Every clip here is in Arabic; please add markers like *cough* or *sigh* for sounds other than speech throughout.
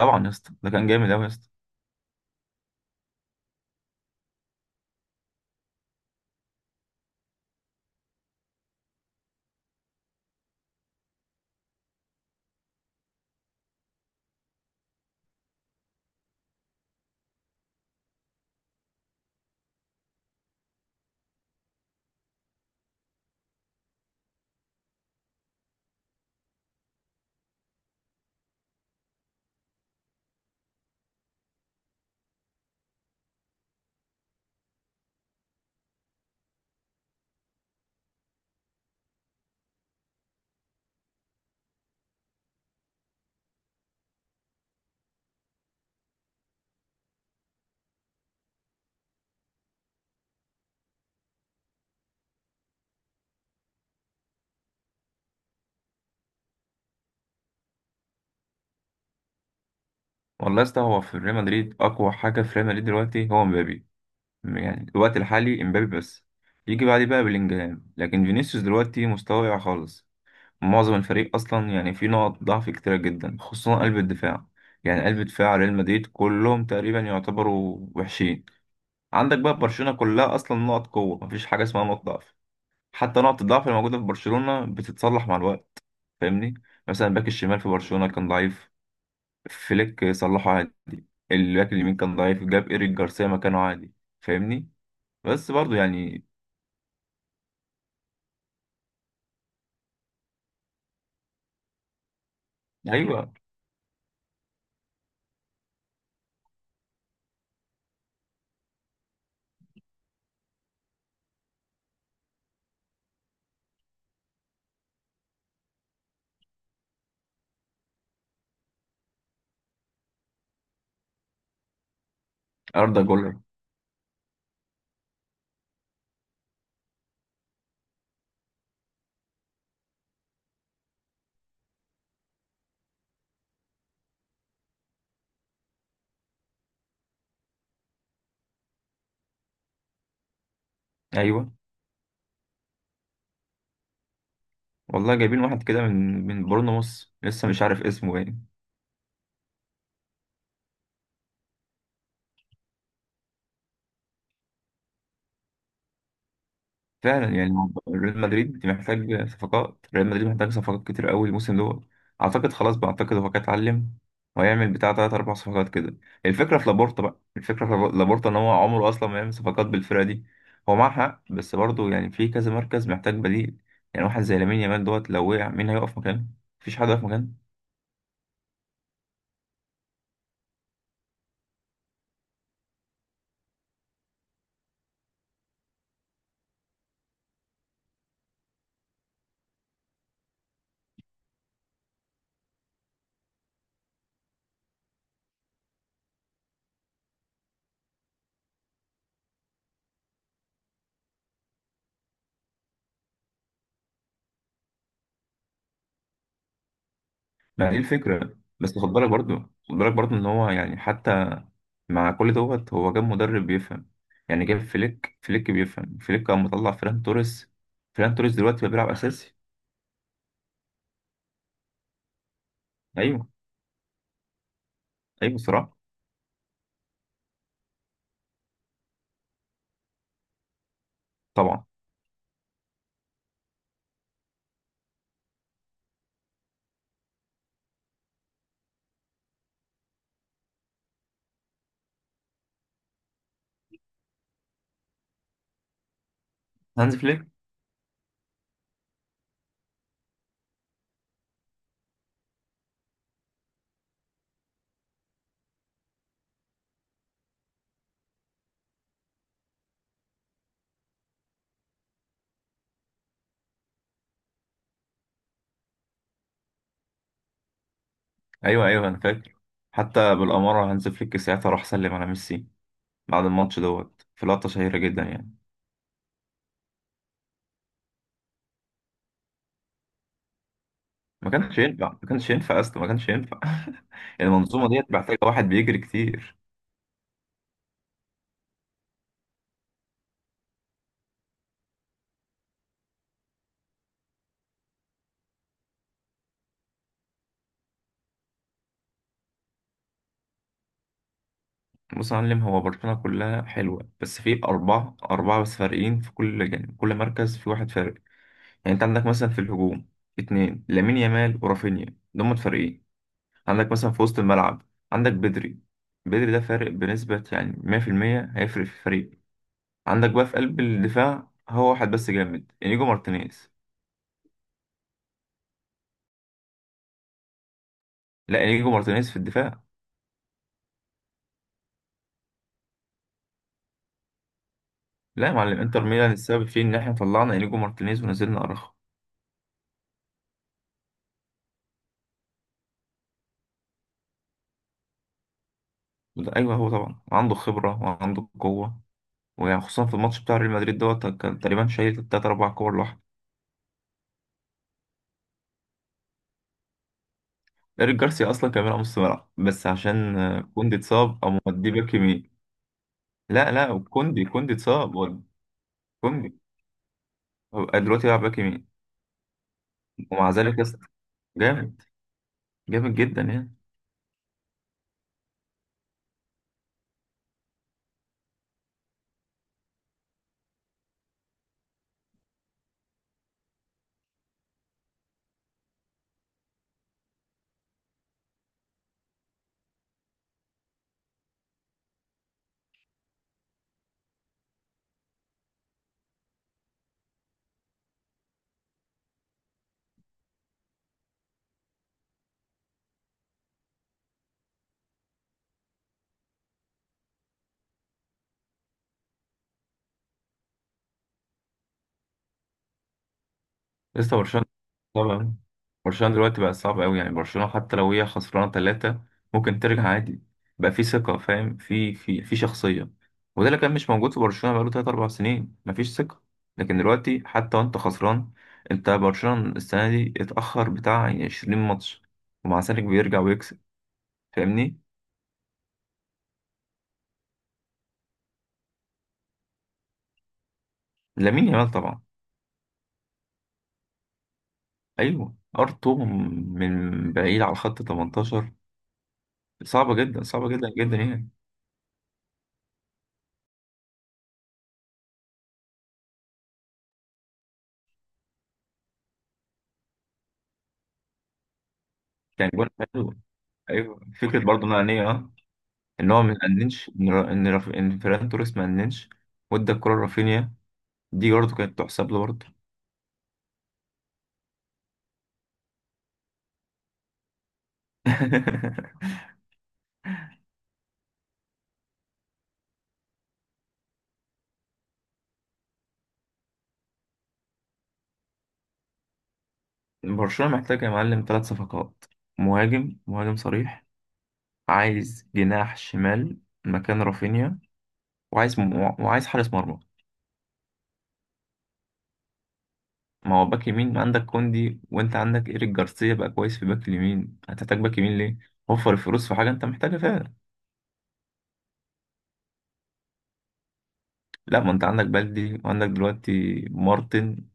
طبعا يا اسطى، ده كان جامد قوي يا اسطى. والله يا اسطى، هو في ريال مدريد اقوى حاجه في ريال مدريد دلوقتي هو مبابي. يعني الوقت الحالي مبابي بس. يجي بعديه بقى بلينجهام، لكن فينيسيوس دلوقتي مستواه واقع خالص. معظم الفريق اصلا يعني فيه نقط ضعف كتيره جدا، خصوصا قلب الدفاع. يعني قلب دفاع ريال مدريد كلهم تقريبا يعتبروا وحشين. عندك بقى برشلونه كلها اصلا نقط قوه، مفيش حاجه اسمها نقط ضعف. حتى نقط الضعف الموجوده في برشلونه بتتصلح مع الوقت. فاهمني؟ مثلا باك الشمال في برشلونه كان ضعيف، فليك صلحه عادي. الباك اليمين كان ضعيف، جاب إيريك جارسيا مكانه عادي. فاهمني؟ بس برضو يعني. أيوه. أردا جولر. أيوه. والله جايبين واحد كده من بورنموث لسه مش عارف اسمه باين. فعلا يعني ريال مدريد محتاج صفقات، ريال مدريد محتاج صفقات كتير قوي الموسم ده. اعتقد خلاص بقى، اعتقد هو كان اتعلم. وهيعمل بتاع تلات اربع صفقات كده. الفكره في لابورتا، بقى الفكره في لابورتا ان هو عمره اصلا ما يعمل صفقات بالفرقه دي. هو معاه حق، بس برضه يعني في كذا مركز محتاج بديل. يعني واحد زي لامين يامال دوت لو وقع مين هيقف مكانه؟ مفيش حد هيقف مكانه. ما دي الفكره، بس خد بالك برضه، خد بالك برضه، ان هو يعني حتى مع كل دوت هو جاب مدرب بيفهم. يعني جاب فليك، فليك بيفهم، فليك كان مطلع فيران توريس. فيران توريس دلوقتي بقى بيلعب اساسي. ايوه. ايوه صراحه. طبعا. هانز فليك. ايوه، ايوه، انا فاكر. حتى بالاماره، هانز فليك ساعتها راح سلم على ميسي بعد الماتش دوت، في لقطه شهيره جدا يعني. ما كانش ينفع، ما كانش ينفع اصلا، ما كانش ينفع. *laughs* المنظومه ديت محتاجه واحد بيجري كتير. بص يا معلم، هو برشلونه كلها حلوه، بس في اربعه، اربعه بس فارقين في كل جانب. كل مركز في واحد فارق. يعني انت عندك مثلا في الهجوم اتنين، لامين يامال ورافينيا، دول فريقين. عندك مثلا في وسط الملعب عندك بدري. بدري ده فارق بنسبة يعني 100%، هيفرق في الفريق. عندك بقى في قلب الدفاع هو واحد بس جامد، انيجو مارتينيز. لا، انيجو مارتينيز في الدفاع. لا يا معلم، انتر ميلان السبب فيه ان احنا طلعنا انيجو مارتينيز ونزلنا اراخو. وده، ايوه، هو طبعا عنده خبرة وعنده قوة، وخصوصا في الماتش بتاع ريال مدريد دوت كان تقريبا شايل تلات أربع كور. إيريك جارسيا أصلا كان بيلعب نص ملعب، بس عشان كوندي اتصاب أو مودي باك يمين. لا لا، كوندي اتصاب ولا، كوندي هو دلوقتي بيلعب باك يمين. ومع ذلك يا اسطى، جامد. جامد جدا يعني. لسه برشلونة. طبعا. برشلونة دلوقتي بقى صعب قوي، يعني برشلونة حتى لو هي خسرانة ثلاثة ممكن ترجع عادي. بقى في ثقة، فاهم؟ في شخصية. وده اللي كان مش موجود في برشلونة بقاله تلات أربع سنين، مفيش ثقة. لكن دلوقتي حتى وأنت خسران، أنت برشلونة السنة دي اتأخر بتاع يعني 20 ماتش، ومع ذلك بيرجع ويكسب. فاهمني؟ لامين يامال طبعا. أيوه، أرطو من بعيد على خط 18. صعبة جدا، صعبة جدا جدا يعني. يعني جون. ايوه، فكره برضه انانيه، اه. ان هو ما اننش، ان را- ان راف- ان فيران توريس ما اننش وادى الكره لرافينيا. دي برضه كانت تحسب له برضه. *laughs* برشلونه محتاج يا معلم ثلاث صفقات. مهاجم، مهاجم صريح. عايز جناح شمال مكان رافينيا. وعايز م... وعايز حارس مرمى. ما هو باك يمين عندك كوندي، وانت عندك ايريك جارسيا بقى كويس في باك اليمين، هتحتاج باك يمين ليه؟ وفر الفلوس في حاجه انت محتاجها فعلا. لا، ما انت عندك بلدي وعندك دلوقتي مارتن.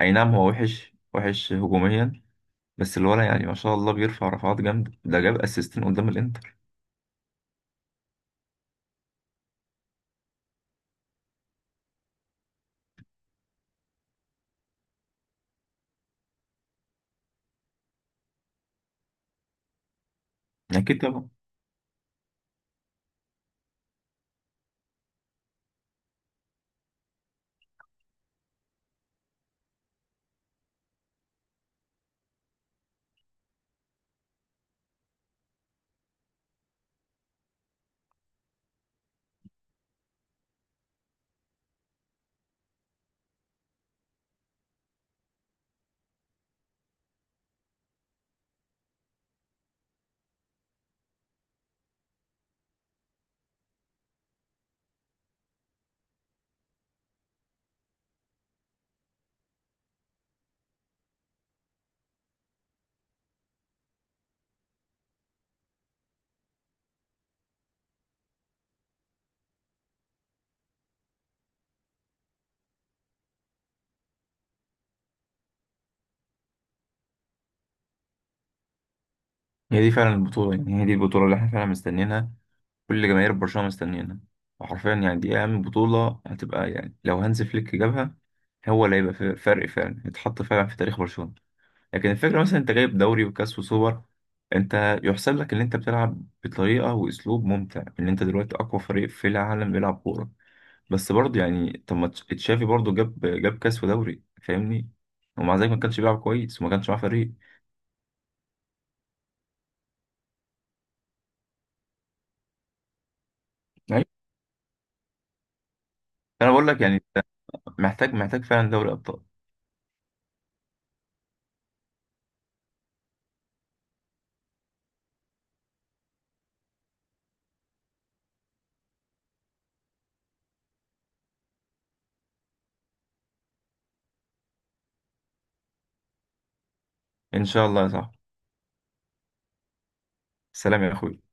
اي نعم، هو وحش، وحش هجوميا، بس الولد يعني ما شاء الله بيرفع رفعات جامدة، ده جاب اسيستين قدام الانتر. يعني اكيد طبعا. هي دي فعلا البطولة، يعني هي دي البطولة اللي احنا فعلا مستنيينها. كل جماهير برشلونة مستنيينها. وحرفيا يعني دي اهم بطولة هتبقى، يعني لو هانز فليك جابها، هو اللي هيبقى فارق فعلا، يتحط فعلا في تاريخ برشلونة. لكن الفكرة مثلا انت جايب دوري وكاس وسوبر، انت يحسب لك ان انت بتلعب بطريقة واسلوب ممتع، ان انت دلوقتي اقوى فريق في العالم بيلعب كورة. بس برضه يعني، طب ما تشافي برضه جاب كاس ودوري، فاهمني؟ ومع ذلك ما كانش بيلعب كويس وما كانش معاه فريق. ايوه. فانا بقول لك يعني انت محتاج فعلا دوري ابطال. ان شاء الله يا صاحبي. سلام يا اخوي.